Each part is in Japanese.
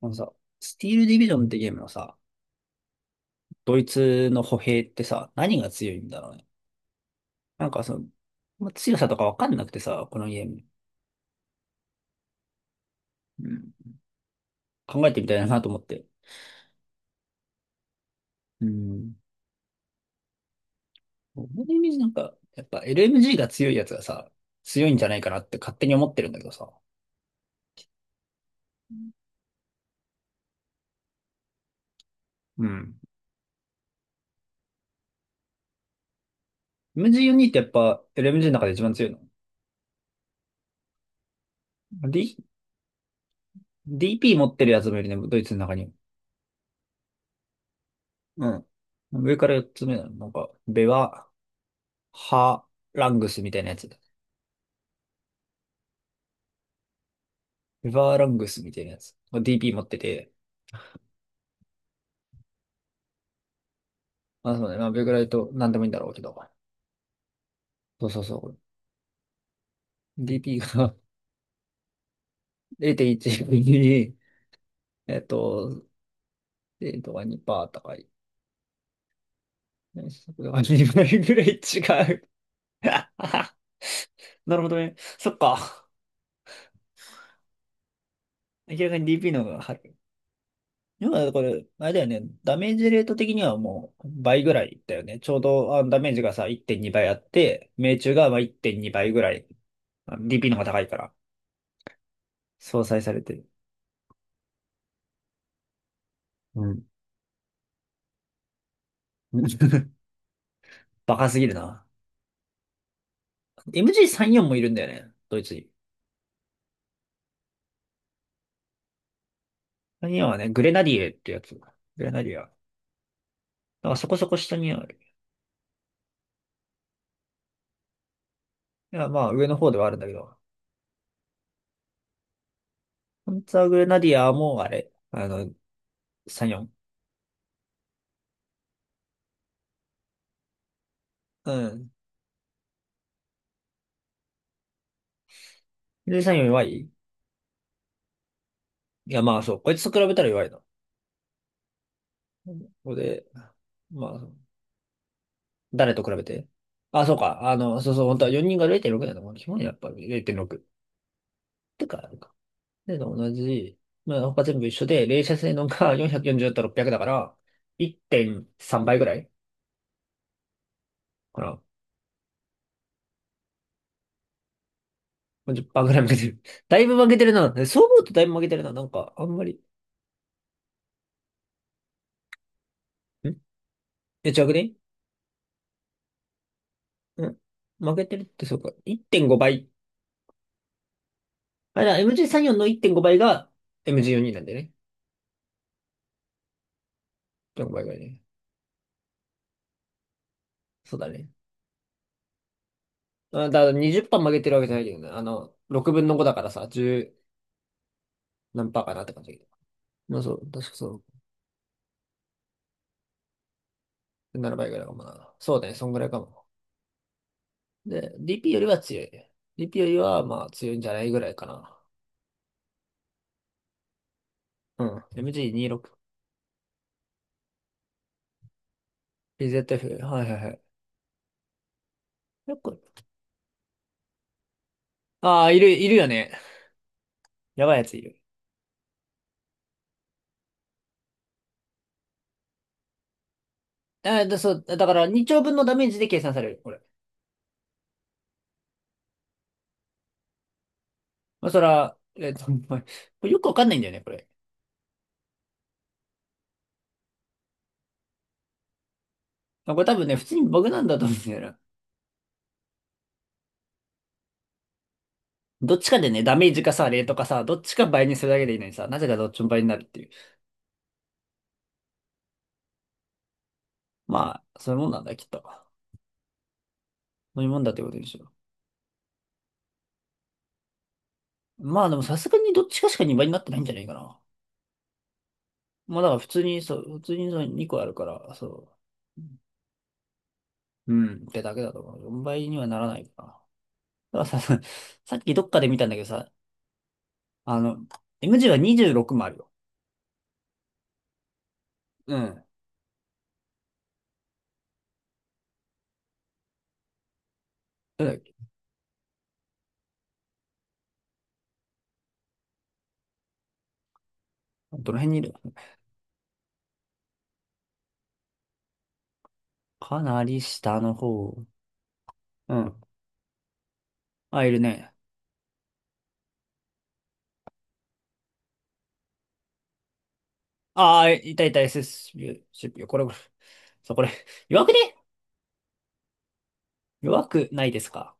あのさ、スティールディビジョンってゲームのさ、ドイツの歩兵ってさ、何が強いんだろうね。なんかその、まあ強さとかわかんなくてさ、このゲーム。うん。考えてみたいなと思って。うん。俺のイメージなんか、やっぱ LMG が強いやつがさ、強いんじゃないかなって勝手に思ってるんだけどさ。うん。MG42 ってやっぱ LMG の中で一番強いの？D、DP 持ってるやつもいるね、ドイツの中にも。うん。上から4つ目なの。なんか、ベワ、ハ、ラングスみたいなやつ。エバーラングスみたいなやつ。DP 持ってて、まあそうね、まあベグライトなんでもいいんだろうけど。そうそうそう。DP が 0.1に、えっと、0とか2%高い。速度が2倍ぐらい違う。なるほどね。そっか。明らかに DP の方が、はい。要はこれ、あれだよね。ダメージレート的にはもう倍ぐらいだよね。ちょうどダメージがさ、1.2倍あって、命中がまあ1.2倍ぐらい。DP の方が高いから、相殺されてる。うん。バカすぎるな。MG34 もいるんだよね。ドイツに。34はね、グレナディエってやつ。グレナディア。だからそこそこ下にある。いや、まあ上の方ではあるんだけど。本当はグレナディアもあれ。あの、34。うん。で、34弱い。いや、まあそう。こいつと比べたら弱いな。こで、まあ、誰と比べて。あ、そうか。あの、そうそう。本当は4人が0.6なんだもん。基本やっぱ0.6。ってか、で、同じ、まあ、他全部一緒で、冷車性能が 440と600だから、1.3倍ぐらいかな。まあ1ぐらい負けてる。だいぶ負けてるな。そう思うとだいぶ負けてるな。なんか、あんまり。ん違くね。ん負けてるって、そうか。1.5倍。あれだ、MG34 の1.5倍が MG42 なんでよね。1.5倍ぐらいね。そうだね。だから20%負けてるわけじゃないけどね。あの、6分の5だからさ、10何パーかなって感じだけど。まあそう、確かそう。7倍ぐらいかもな。そうだね、そんぐらいかも。で、DP よりは強い。DP よりは、まあ、強いんじゃないぐらいかな。うん。MG26。PZF。はいはいはい。よく。ああ、いる、いるよね。やばいやついる。そう、だから2丁分のダメージで計算される、これ。まあ、そら、まあこれよくわかんないんだよね、これ。まあ、これ多分ね、普通に僕なんだと思うんだよな。どっちかでね、ダメージかさ、レートかさ、どっちか倍にするだけでいいのにさ、なぜかどっちも倍になるっていう。まあ、そういうもんなんだ、きっと。そういうもんだってことでしょう。まあでもさすがにどっちかしか2倍になってないんじゃないかな。まあだから普通に、そう、普通にその2個あるから、そう。うん、ってだけだと思う。4倍にはならないかな。だからさ、さっきどっかで見たんだけどさ、あの、M 字は26もあるよ。うん。どれだっけ。どの辺にいる。かなり下の方。うん。あ、いるね。ああ、いたいた SSP、CPU。これ、これ。そう、これ。弱くね。弱くないですか。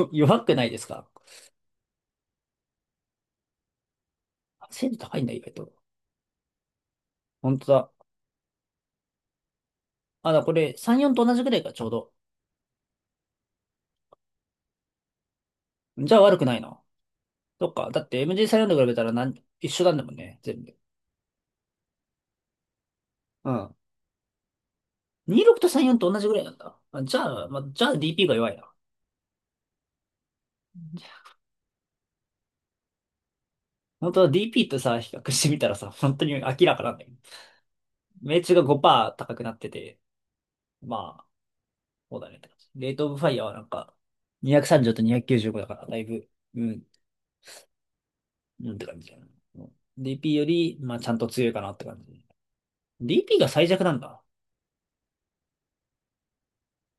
よ 弱くないですか。精度高いんだ、意外と。本当だ。これ、34と同じくらいか、ちょうど。じゃあ悪くないな。そっか。だって MG34 と比べたら一緒なんだもんね、全部。うん。26と34と同じぐらいなんだ。あ、じゃあ、まあ、じゃあ DP が弱いな。本当は DP とさ、比較してみたらさ、本当に明らかなんだけど。命中が5%高くなってて、まあ、そうだねって感じ。レートオブファイヤーはなんか、230と295だから、だいぶ、うん、うんって感じだな。うん、 DP より、まあ、ちゃんと強いかなって感じ。DP が最弱なんだ。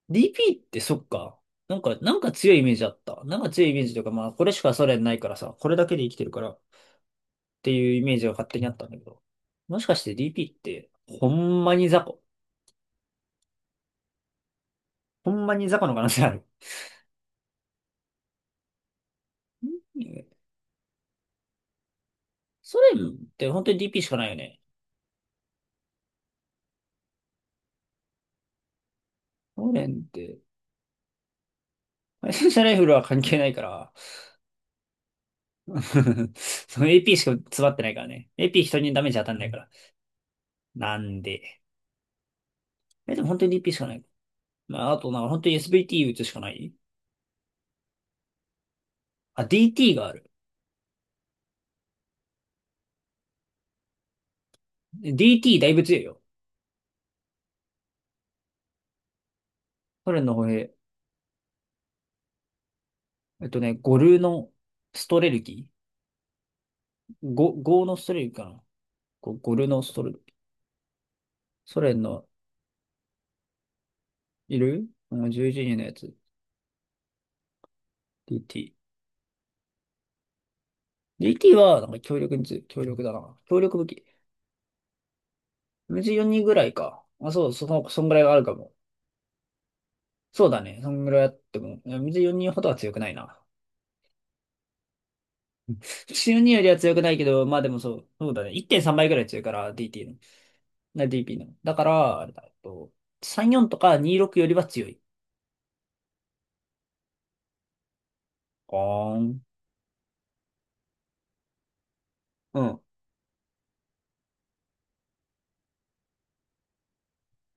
DP ってそっか。なんか、強いイメージあった。なんか強いイメージというか、まあ、これしかソ連ないからさ、これだけで生きてるからっていうイメージが勝手にあったんだけど。もしかして DP って、ほんまに雑魚。ほんまに雑魚の可能性ある。うん。ソ連って本当に DP しかないよね。ソ連って、ライセンシャライフルは関係ないから、その AP しか詰まってないからね。AP 人にダメージ当たんないから。なんで。でも本当に DP しかない。まあ、あとなんか本当に SVT 打つしかない。あ、DT がある。DT だいぶ強いよ。ソ連の歩兵。ゴルのストレルキーゴ、ゴーのストレルキーかな。ゴルのストレルキー。ソ連のいる、あの、じゅうん、11人のやつ。DT。DT は、なんか強力に強い。強力だな。強力武器。水4人ぐらいか。あ、そう、その、そんぐらいはあるかも。そうだね。そんぐらいあっても。いや水4人ほどは強くないな。水4人よりは強くないけど、まあでもそう、そうだね。1.3倍ぐらい強いから、DT の。な、DP の。だから、あれだ、34とか26よりは強い。あーん。うん。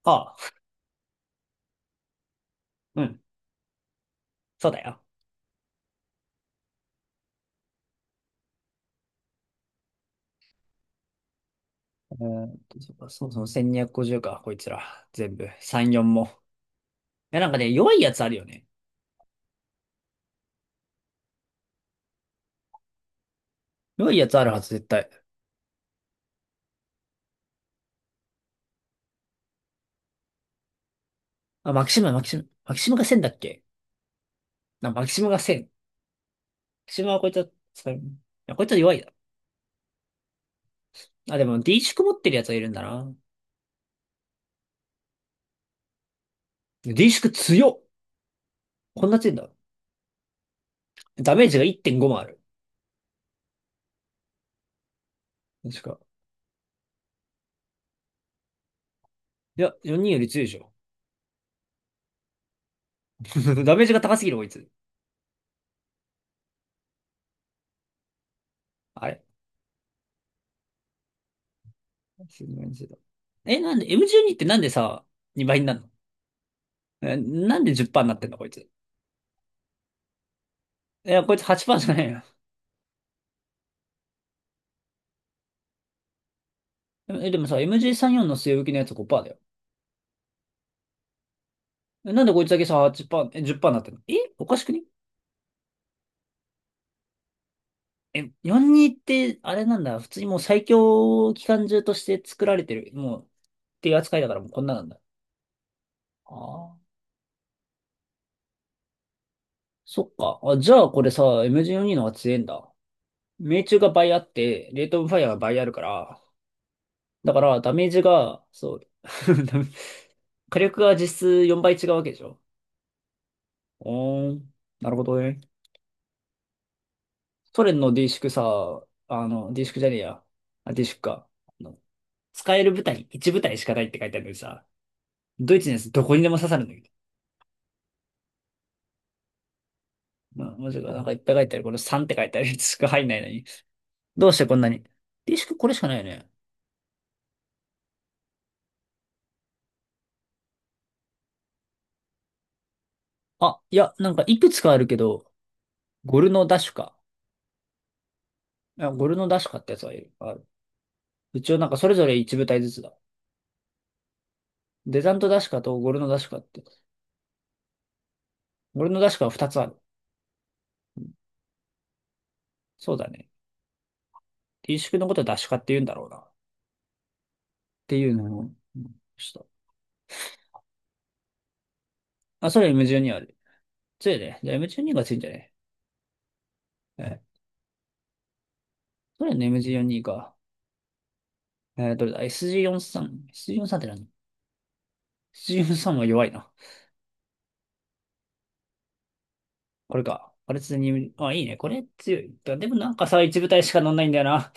あ、うん。そうだよ。そうかそうそう、1250か、こいつら。全部。3、4も。いや、なんかね、弱いやつあるよね。弱いやつあるはず、絶対。あ、マキシム、マキシム。マキシムが1000だっけな、マキシムが1000。マキシムはこいつは、そういや、こいつは弱いだ。あ、でも、D 縮持ってるやつはいるんだな。D 縮強っ。こんな強いんだ。ダメージが1.5もある。確か。いや、4人より強いでしょ。ダメージが高すぎる、こいつ。あれすごいんですよ。え、なんで、M12 ってなんでさ、2倍になるの。え、なんで10%になってんだ、こいつ。いや、こいつ8%じゃないよ。え、でもさ、MG34 の据え置きのやつ5%だよ。え、なんでこいつだけさ、8%、え、10%になってんの。え、おかしくね。え、42って、あれなんだ、普通にもう最強機関銃として作られてる、もう、っていう扱いだからもうこんななんだ。ああ、そっか。あ、じゃあこれさ、MG42 の方が強いんだ。命中が倍あって、レートオブファイアが倍あるから、だから、ダメージが、そう、ダメ火力が実質4倍違うわけでしょ。おーん、なるほどね。ソ連の D 宿さ、あの、D 宿じゃねえや。あ、D 宿か。あの使える部隊、1部隊しかないって書いてあるのにさ、ドイツのやつどこにでも刺さるんだけど。まあ、もしくはなんかいっぱい書いてある。この3って書いてあるやつしか入んないのに。どうしてこんなに。D 宿これしかないよね。あ、いや、なんかいくつかあるけど、ゴルノダシュか。あ、ゴルノダシュかってやつはいる。ある。一応なんかそれぞれ1部隊ずつだ。デザントダシカとゴルノダシカって、ゴルノダシカは2つある。そうだね。T 宿のことはダシカって言うんだろうな。っていうのを、ちょっと。あ、それ M12 ある。強いね。じゃあ M12 が強いんじゃねえ。はい、それはね M12 か。どれだ？ SG43。SG43 って何？ SG43 は弱いな。これか。パルツに、あ、いいね。これ強い。でもなんかさ、一部隊しか乗んないんだよな。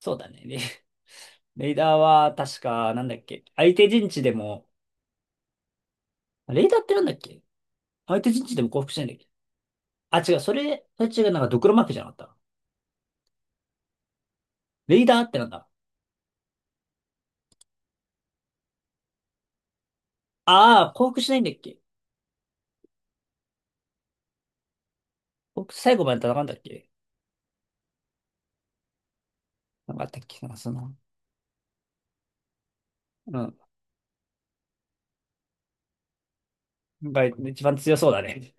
そうだね。レイダーは確か、なんだっけ。相手陣地でも、レイダーってなんだっけ。相手陣地でも降伏しないんだっけ。あ、違う、それ、違う、なんかドクロマークじゃなかった。レイダーってなんだ。ああ、降伏しないんだっけ。降伏最後まで戦うんだっけ。なんかあったっけ。なんかその、うん。が一番強そうだね。